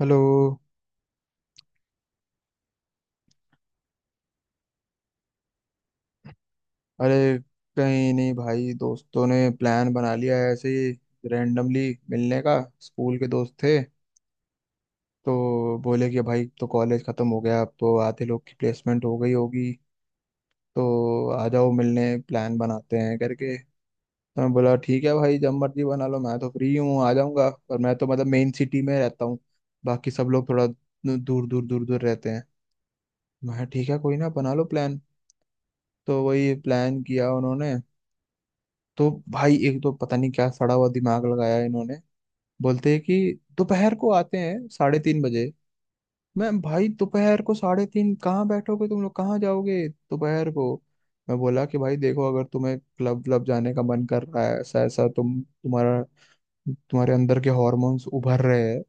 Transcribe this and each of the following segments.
Hello. अरे कहीं नहीं भाई, दोस्तों ने प्लान बना लिया है ऐसे ही रैंडमली मिलने का। स्कूल के दोस्त थे, तो बोले कि भाई तो कॉलेज खत्म हो गया, अब तो आधे लोग की प्लेसमेंट हो गई होगी, तो आ जाओ मिलने, प्लान बनाते हैं करके। तो मैं बोला ठीक है भाई, जब मर्जी बना लो, मैं तो फ्री हूँ, आ जाऊंगा, पर मैं तो मतलब मेन सिटी में रहता हूँ, बाकी सब लोग थोड़ा दूर दूर रहते हैं। मैं ठीक है कोई ना, बना लो प्लान। तो वही प्लान किया उन्होंने। तो भाई एक तो पता नहीं क्या सड़ा हुआ दिमाग लगाया इन्होंने। बोलते हैं कि दोपहर को आते हैं 3:30 बजे। मैं भाई दोपहर को 3:30, कहाँ बैठोगे तुम लोग, कहाँ जाओगे दोपहर को। मैं बोला कि भाई देखो, अगर तुम्हें क्लब क्लब जाने का मन कर रहा है, ऐसा ऐसा तुम्हारा तुम्हारे अंदर के हॉर्मोन्स उभर रहे हैं,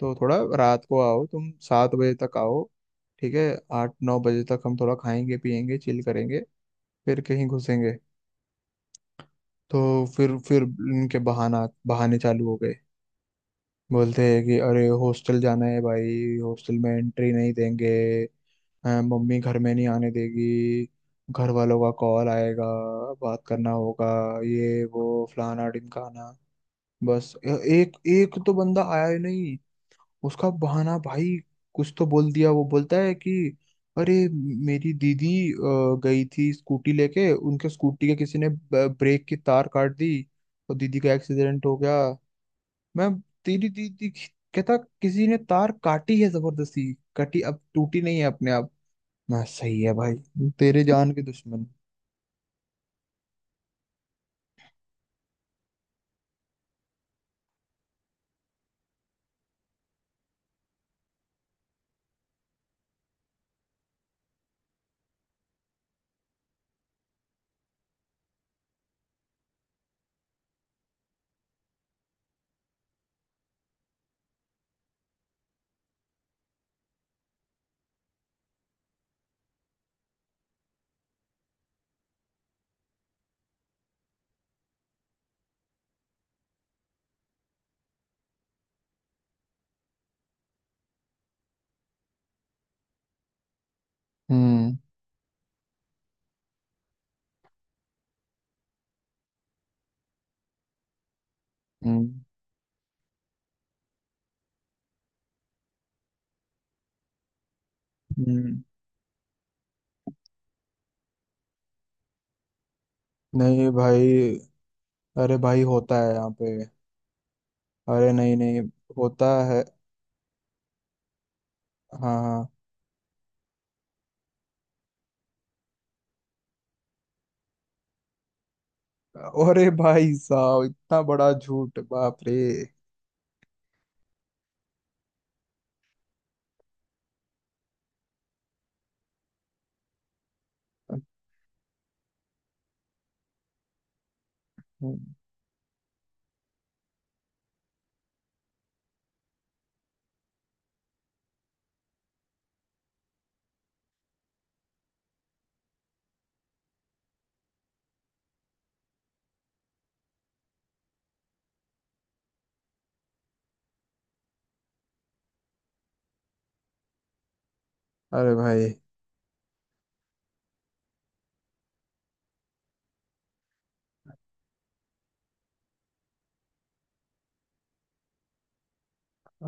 तो थोड़ा रात को आओ, तुम 7 बजे तक आओ। ठीक है, 8-9 बजे तक हम थोड़ा खाएंगे, पिएंगे, चिल करेंगे, फिर कहीं घुसेंगे। तो फिर इनके बहाना बहाने चालू हो गए। बोलते हैं कि अरे हॉस्टल जाना है भाई, हॉस्टल में एंट्री नहीं देंगे। हाँ, मम्मी घर में नहीं आने देगी, घर वालों का कॉल आएगा, बात करना होगा, ये वो, फलाना ढिमकाना। बस एक एक तो बंदा आया ही नहीं। उसका बहाना भाई, कुछ तो बोल दिया। वो बोलता है कि अरे मेरी दीदी गई थी स्कूटी लेके, उनके स्कूटी के किसी ने ब्रेक की तार काट दी और दीदी का एक्सीडेंट हो गया। मैं तेरी दीदी, कहता किसी ने तार काटी है जबरदस्ती, कटी, अब टूटी नहीं है अपने आप। मैं सही है भाई, तेरे जान के दुश्मन। हम्म हम्म हम्म। नहीं भाई, अरे भाई होता है यहाँ पे। अरे नहीं नहीं, होता है। हाँ हाँ, अरे भाई साहब इतना बड़ा झूठ, बाप रे। हम्म, अरे भाई,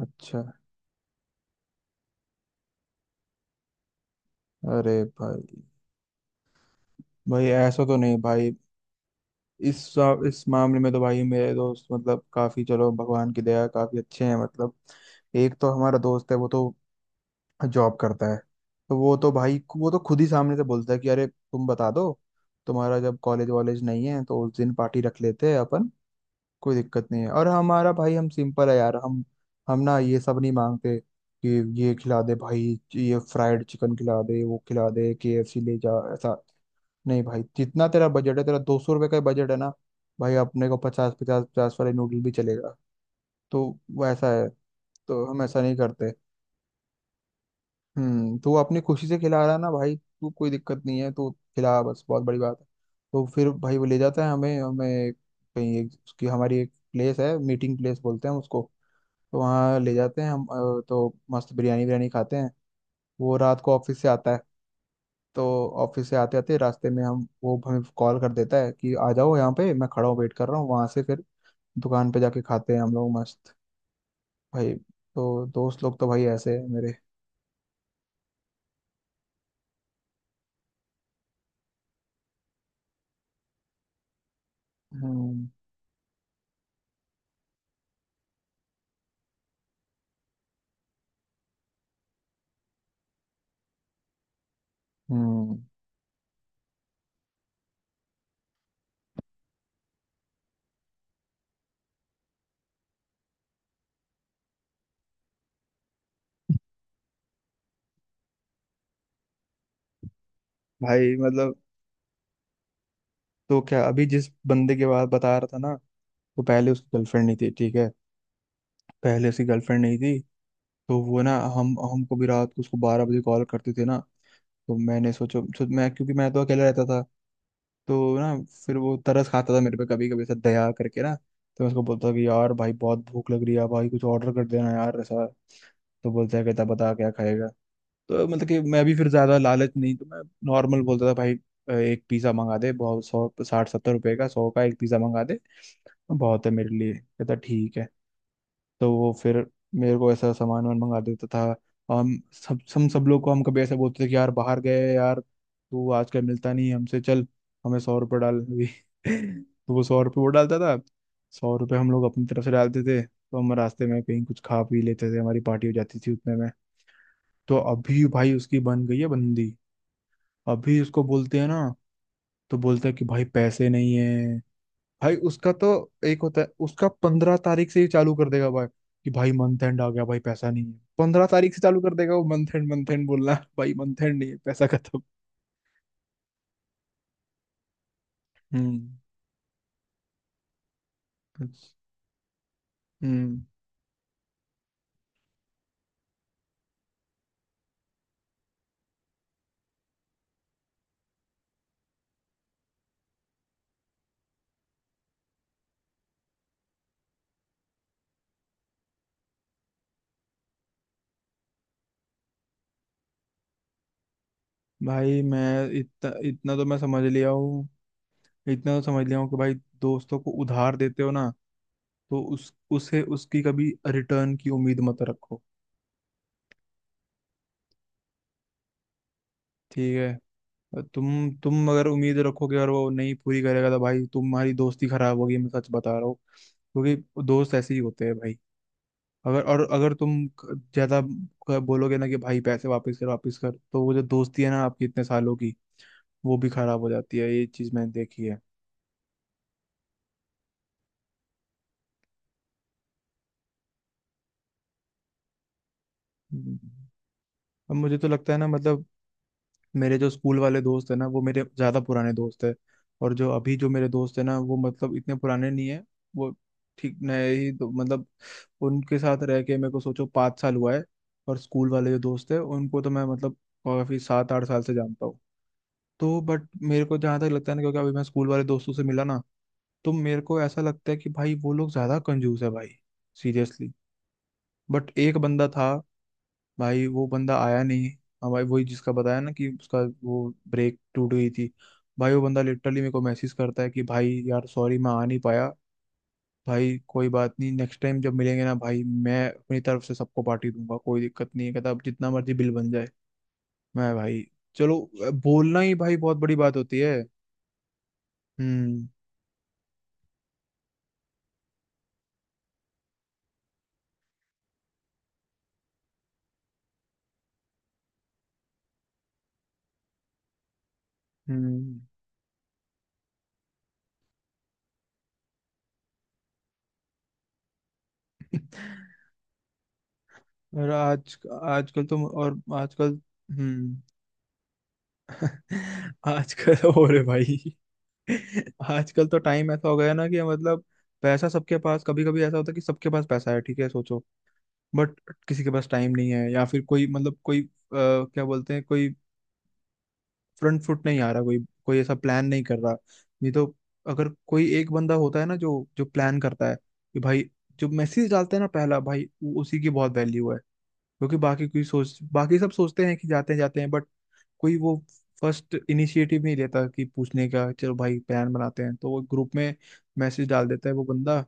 अच्छा, अरे भाई, भाई ऐसा तो नहीं भाई। इस मामले में तो भाई मेरे दोस्त मतलब काफी, चलो भगवान की दया है, काफी अच्छे हैं मतलब। एक तो हमारा दोस्त है, वो तो जॉब करता है, तो वो तो भाई वो तो खुद ही सामने से बोलता है कि अरे तुम बता दो, तुम्हारा जब कॉलेज वॉलेज नहीं है तो उस दिन पार्टी रख लेते हैं अपन, कोई दिक्कत नहीं है। और हमारा भाई, हम सिंपल है यार, हम ना ये सब नहीं मांगते कि ये खिला दे भाई, ये फ्राइड चिकन खिला दे, वो खिला दे, KFC ले जा, ऐसा नहीं भाई। जितना तेरा बजट है, तेरा 200 रुपये का बजट है ना भाई, अपने को पचास पचास पचास वाले नूडल भी चलेगा। तो वैसा है, तो हम ऐसा नहीं करते। हम्म, तू अपनी खुशी से खिला रहा है ना भाई तू, कोई दिक्कत नहीं है, तू खिला बस, बहुत बड़ी बात है। तो फिर भाई वो ले जाता है हमें हमें कहीं, एक उसकी हमारी एक प्लेस है, मीटिंग प्लेस बोलते हैं उसको, तो वहाँ ले जाते हैं हम। तो मस्त बिरयानी बिरयानी खाते हैं। वो रात को ऑफिस से आता है, तो ऑफिस से आते आते रास्ते में हम वो हमें कॉल कर देता है कि आ जाओ यहाँ पे, मैं खड़ा हूँ, वेट कर रहा हूँ। वहां से फिर दुकान पे जाके खाते हैं हम लोग मस्त भाई। तो दोस्त लोग तो भाई ऐसे हैं मेरे। हम्म हम्म, भाई मतलब, तो क्या अभी जिस बंदे के बात बता रहा था ना, तो पहले उसकी गर्लफ्रेंड नहीं थी, ठीक है। पहले उसकी गर्लफ्रेंड नहीं थी, तो वो ना हम हमको भी रात को उसको 12 बजे कॉल करते थे ना। तो मैंने सोचो मैं क्योंकि मैं तो अकेला रहता था, तो ना फिर वो तरस खाता था मेरे पे, कभी कभी ऐसा दया करके ना। तो मैं उसको बोलता कि यार भाई बहुत भूख लग रही है भाई, कुछ ऑर्डर कर देना यार, ऐसा। तो बोलता है, कहता बता क्या खाएगा। तो मतलब कि मैं भी फिर ज्यादा लालच नहीं, तो मैं नॉर्मल बोलता था भाई, एक पिज्जा मंगा दे, बहुत, 100-160-170 रुपए का, 100 का एक पिज्जा मंगा दे, बहुत है मेरे लिए। कहता ठीक है। तो वो फिर मेरे को ऐसा सामान वामान मंगा देता था। हम सब लोग को, हम कभी ऐसा बोलते थे कि यार बाहर गए यार, तू आजकल मिलता नहीं है हमसे, चल हमें 100 रुपये डाल अभी, तो वो 100 रुपये वो डालता था। 100 रुपये हम लोग अपनी तरफ से डालते थे, तो हम रास्ते में कहीं कुछ खा पी लेते थे, हमारी पार्टी हो जाती थी उतने में। तो अभी भाई उसकी बन गई है बंदी। अभी उसको बोलते हैं ना, तो बोलता है कि भाई पैसे नहीं है। भाई उसका तो एक होता है उसका, 15 तारीख से ही चालू कर देगा भाई कि भाई मंथ एंड आ गया, भाई पैसा नहीं है। 15 तारीख से चालू कर देगा वो, मंथ एंड बोलना भाई, मंथ एंड नहीं है, पैसा खत्म। हम्म हम्म, भाई मैं इतना इतना तो मैं समझ लिया हूँ, इतना तो समझ लिया हूँ कि भाई, दोस्तों को उधार देते हो ना, तो उस उसे उसकी कभी रिटर्न की उम्मीद मत रखो। ठीक है, तुम अगर उम्मीद रखोगे और वो नहीं पूरी करेगा, तो भाई तुम्हारी दोस्ती खराब होगी। मैं सच बता रहा हूँ, क्योंकि दोस्त ऐसे ही होते हैं भाई। अगर और अगर तुम ज्यादा बोलोगे ना कि भाई पैसे वापस कर वापस कर, तो वो जो दोस्ती है ना आपकी, इतने सालों की वो भी खराब हो जाती है। ये चीज मैंने देखी है। हम्म। अब मुझे तो लगता है ना मतलब, मेरे जो स्कूल वाले दोस्त है ना वो मेरे ज़्यादा पुराने दोस्त है, और जो अभी जो मेरे दोस्त है ना वो मतलब इतने पुराने नहीं है। वो ठीक नए ही मतलब, उनके साथ रह के मेरे को सोचो 5 साल हुआ है, और स्कूल वाले जो दोस्त है उनको तो मैं मतलब काफ़ी 7-8 साल से जानता हूँ। तो बट मेरे को जहाँ तक लगता है ना, क्योंकि अभी मैं स्कूल वाले दोस्तों से मिला ना, तो मेरे को ऐसा लगता है कि भाई वो लोग ज़्यादा कंजूस है भाई, सीरियसली। बट एक बंदा था भाई, वो बंदा आया नहीं। हाँ भाई वही, जिसका बताया ना कि उसका वो ब्रेक टूट गई थी, भाई वो बंदा लिटरली मेरे को मैसेज करता है कि भाई यार सॉरी मैं आ नहीं पाया भाई, कोई बात नहीं, नेक्स्ट टाइम जब मिलेंगे ना भाई, मैं अपनी तरफ से सबको पार्टी दूंगा, कोई दिक्कत नहीं है। कहता अब जितना मर्जी बिल बन जाए। मैं भाई चलो, बोलना ही भाई बहुत बड़ी बात होती है। हम्म हम्म, और आज, आजकल तो, और आजकल, हम्म, आजकल और है भाई। आजकल तो टाइम ऐसा हो गया ना कि मतलब, पैसा सबके पास, कभी कभी ऐसा होता है कि सबके पास पैसा है ठीक है सोचो, बट किसी के पास टाइम नहीं है, या फिर कोई मतलब कोई क्या बोलते हैं, कोई फ्रंट फुट नहीं आ रहा, कोई कोई ऐसा प्लान नहीं कर रहा। नहीं तो अगर कोई एक बंदा होता है ना जो जो प्लान करता है कि भाई, जो मैसेज डालते हैं ना पहला भाई उसी की बहुत वैल्यू है। क्योंकि बाकी सब सोचते हैं कि जाते हैं जाते हैं, बट कोई वो फर्स्ट इनिशिएटिव नहीं लेता कि पूछने का चलो भाई प्लान बनाते हैं, तो वो ग्रुप में मैसेज डाल देता है वो बंदा।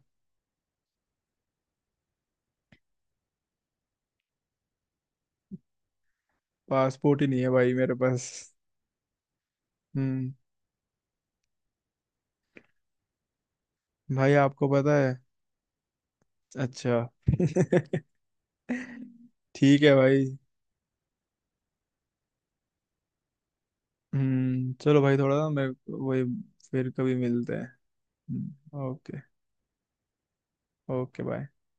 पासपोर्ट ही नहीं है भाई मेरे पास। हम्म, भाई आपको पता है। अच्छा, ठीक है भाई। चलो भाई थोड़ा ना मैं, वही फिर कभी मिलते हैं। Okay, okay bye.